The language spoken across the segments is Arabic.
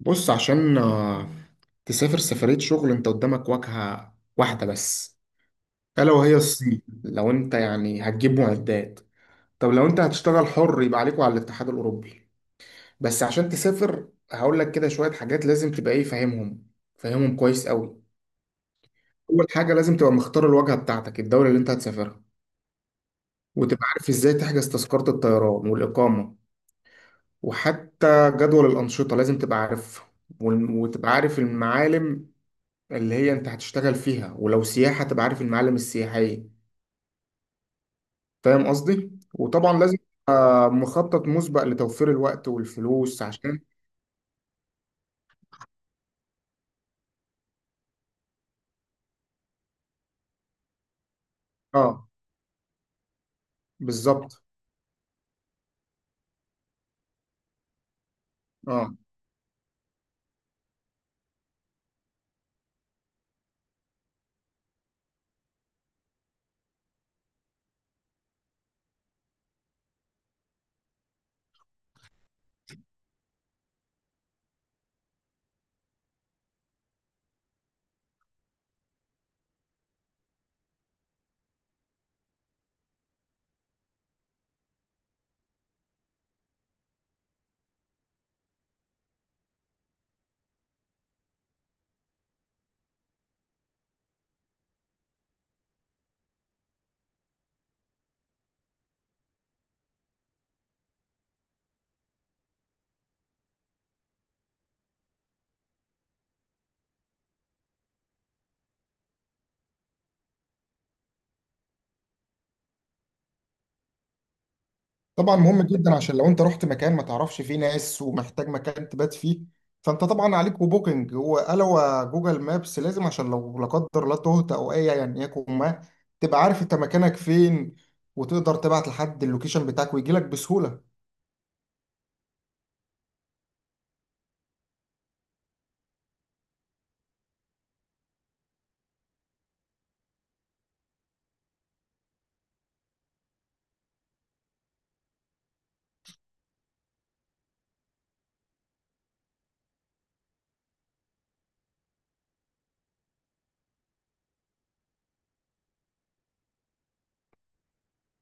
بص، عشان تسافر سفرية شغل، انت قدامك واجهة واحدة بس. ألا وهي الصين، لو انت يعني هتجيب معدات. طب لو انت هتشتغل حر يبقى عليكوا على الاتحاد الأوروبي. بس عشان تسافر هقول لك كده شوية حاجات لازم تبقى ايه فاهمهم، فاهمهم كويس قوي. أول حاجة لازم تبقى مختار الواجهة بتاعتك، الدولة اللي انت هتسافرها، وتبقى عارف ازاي تحجز تذكرة الطيران والإقامة، وحتى جدول الأنشطة لازم تبقى عارفها، وتبقى عارف المعالم اللي هي انت هتشتغل فيها، ولو سياحة تبقى عارف المعالم السياحية. فاهم قصدي؟ وطبعا لازم يبقى مخطط مسبق لتوفير الوقت والفلوس عشان. اه. بالظبط. اه. طبعا مهم جدا، عشان لو انت رحت مكان ما تعرفش فيه ناس ومحتاج مكان تبات فيه، فانت طبعا عليك وبوكينج وقالوا جوجل مابس لازم. عشان لو لا قدر الله تهت او اي يعني يكون ما، تبقى عارف انت مكانك فين، وتقدر تبعت لحد اللوكيشن بتاعك ويجي لك بسهولة.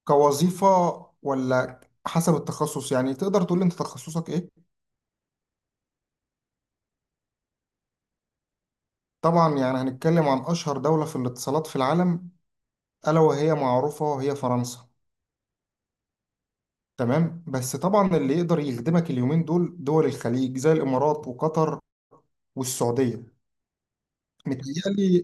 كوظيفة ولا؟ حسب التخصص يعني، تقدر تقول لي انت تخصصك ايه؟ طبعا يعني هنتكلم عن اشهر دولة في الاتصالات في العالم، الا وهي معروفة وهي فرنسا. تمام، بس طبعا اللي يقدر يخدمك اليومين دول دول الخليج، زي الامارات وقطر والسعودية. متهيألي.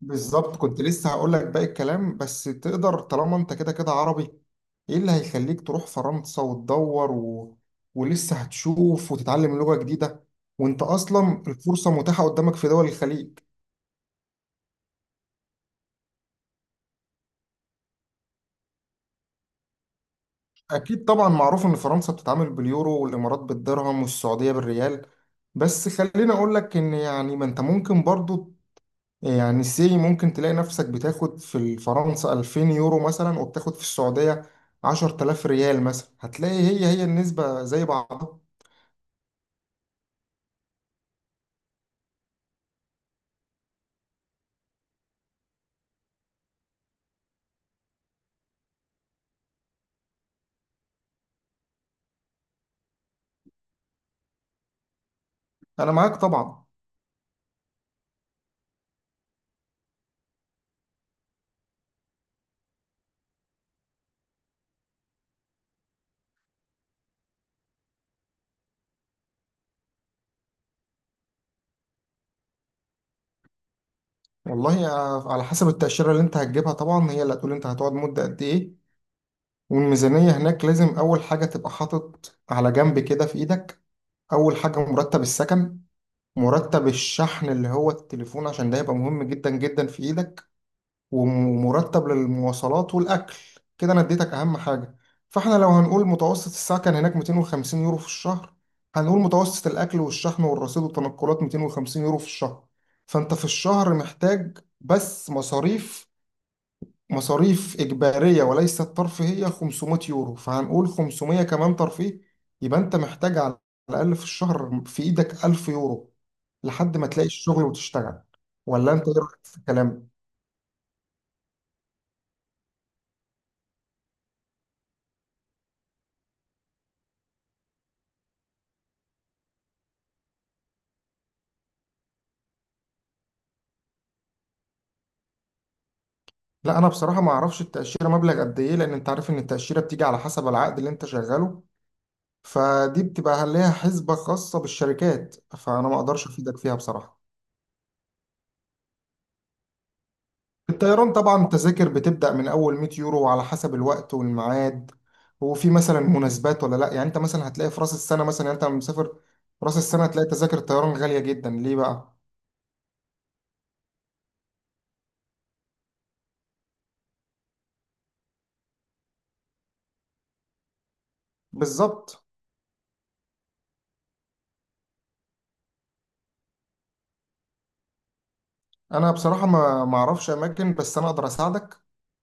بالظبط، كنت لسه هقول لك باقي الكلام. بس تقدر، طالما انت كده كده عربي، ايه اللي هيخليك تروح فرنسا وتدور و، ولسه هتشوف وتتعلم لغة جديدة، وانت اصلا الفرصة متاحة قدامك في دول الخليج. اكيد طبعا، معروف ان فرنسا بتتعامل باليورو والامارات بالدرهم والسعودية بالريال. بس خليني اقول لك ان يعني ما انت ممكن برضو، يعني ممكن تلاقي نفسك بتاخد في فرنسا 2000 يورو مثلا، وبتاخد في السعودية 10000 ريال مثلا، هتلاقي هي هي النسبة زي بعضها. أنا معاك طبعا. والله على حسب التأشيرة اللي أنت هتجيبها، طبعا هي اللي هتقول أنت هتقعد مدة قد إيه. والميزانية هناك، لازم أول حاجة تبقى حاطط على جنب كده في إيدك: أول حاجة مرتب السكن، مرتب الشحن اللي هو التليفون عشان ده هيبقى مهم جدا جدا في إيدك، ومرتب للمواصلات والأكل. كده أنا اديتك أهم حاجة. فاحنا لو هنقول متوسط الساعة كان هناك 250 يورو في الشهر، هنقول متوسط الأكل والشحن والرصيد والتنقلات 250 يورو في الشهر، فأنت في الشهر محتاج بس مصاريف، مصاريف إجبارية وليست ترفيهية، 500 يورو، فهنقول 500 كمان ترفيه، يبقى أنت محتاج على الأقل في الشهر في إيدك 1000 يورو، لحد ما تلاقي الشغل وتشتغل. ولا أنت إيه رأيك في الكلام؟ لا، انا بصراحه ما اعرفش التاشيره مبلغ قد ايه، لان انت عارف ان التاشيره بتيجي على حسب العقد اللي انت شغاله، فدي بتبقى ليها حسبه خاصه بالشركات، فانا ما اقدرش افيدك فيها بصراحه. الطيران طبعا، التذاكر بتبدا من اول 100 يورو، على حسب الوقت والميعاد، وفي مثلا مناسبات ولا لا. يعني انت مثلا هتلاقي في راس السنه مثلا، يعني انت لما مسافر في راس السنه هتلاقي تذاكر الطيران غاليه جدا. ليه بقى؟ بالظبط. انا بصراحه ما اعرفش اماكن، بس انا اقدر اساعدك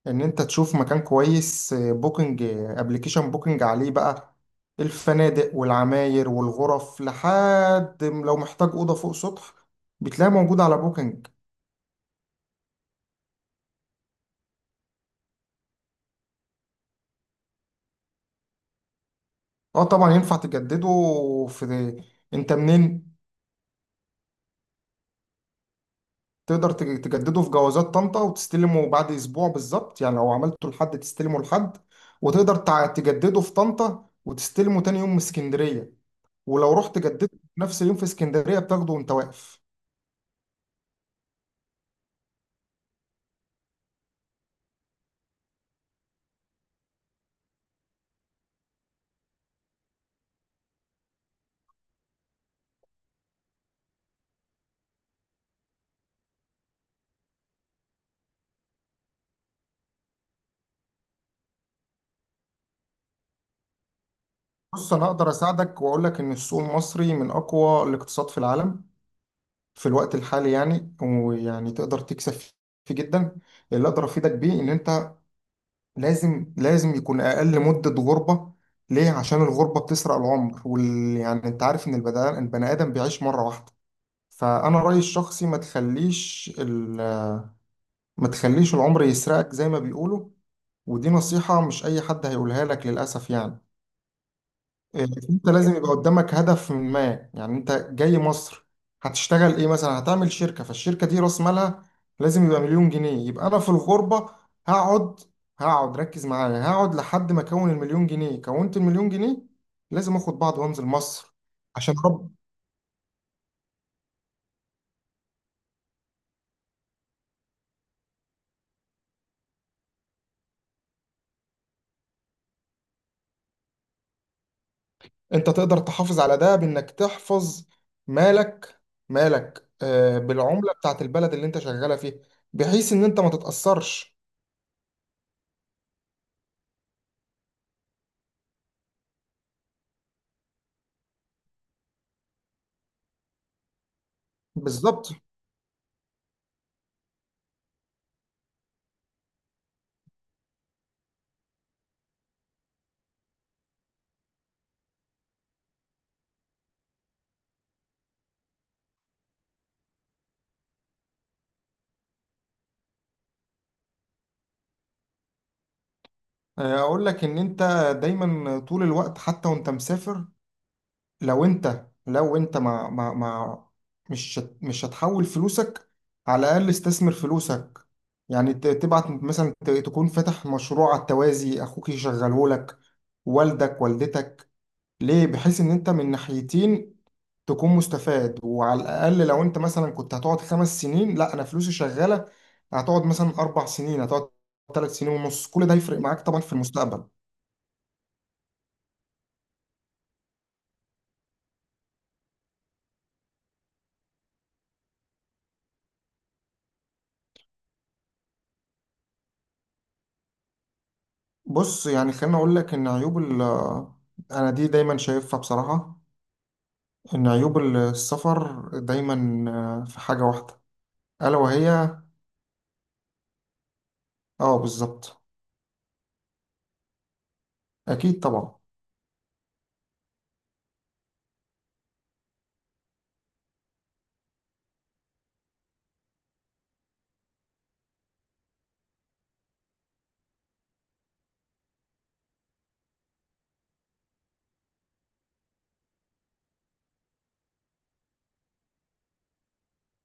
ان انت تشوف مكان كويس. بوكينج، ابلكيشن بوكينج، عليه بقى الفنادق والعماير والغرف، لحد لو محتاج اوضه فوق سطح بتلاقي موجود على بوكينج. اه طبعا ينفع تجدده. في، انت منين؟ تقدر تجدده في جوازات طنطا وتستلمه بعد اسبوع بالظبط، يعني لو عملته لحد تستلمه لحد. وتقدر تجدده في طنطا وتستلمه تاني يوم من اسكندريه. ولو رحت جددته في نفس اليوم في اسكندرية بتاخده وانت واقف. بص انا اقدر اساعدك واقول لك ان السوق المصري من اقوى الاقتصاد في العالم في الوقت الحالي، يعني ويعني تقدر تكسب فيه جدا. اللي اقدر افيدك بيه ان انت لازم، لازم يكون اقل مدة غربة. ليه؟ عشان الغربة بتسرق العمر وال، يعني انت عارف ان البني ادم بيعيش مرة واحدة. فانا رأيي الشخصي ما تخليش ال، ما تخليش العمر يسرقك زي ما بيقولوا. ودي نصيحة مش اي حد هيقولها لك للاسف يعني. إيه، انت لازم يبقى قدامك هدف ما، يعني انت جاي مصر هتشتغل ايه، مثلا هتعمل شركة، فالشركة دي راس مالها لازم يبقى 1,000,000 جنيه. يبقى انا في الغربة هقعد، هقعد، ركز معايا، هقعد لحد ما اكون المليون جنيه. كونت المليون جنيه، لازم اخد بعض وانزل مصر. عشان رب. انت تقدر تحافظ على ده بانك تحفظ مالك، بالعملة بتاعت البلد اللي انت شغالة فيها، بحيث ان انت ما تتأثرش. بالظبط. اقول لك ان انت دايما طول الوقت حتى وانت مسافر، لو انت ما مش مش هتحول فلوسك، على الاقل استثمر فلوسك. يعني تبعت مثلا، تكون فاتح مشروع على التوازي اخوك يشغله لك، والدك، والدتك. ليه؟ بحيث ان انت من ناحيتين تكون مستفاد. وعلى الاقل لو انت مثلا كنت هتقعد 5 سنين، لا، انا فلوسي شغاله، هتقعد مثلا 4 سنين، هتقعد 3 سنين ونص، كل ده هيفرق معاك طبعا في المستقبل. بص يعني خليني اقول لك ان عيوب ال، انا دي دايما شايفها بصراحة، ان عيوب السفر دايما في حاجة واحدة، الا وهي. اه بالظبط. اكيد طبعا،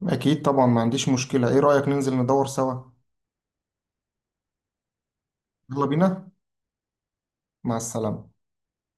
اكيد طبعا، ما عنديش مشكلة. ايه رأيك ننزل ندور سوا؟ يلا بينا. مع السلامة.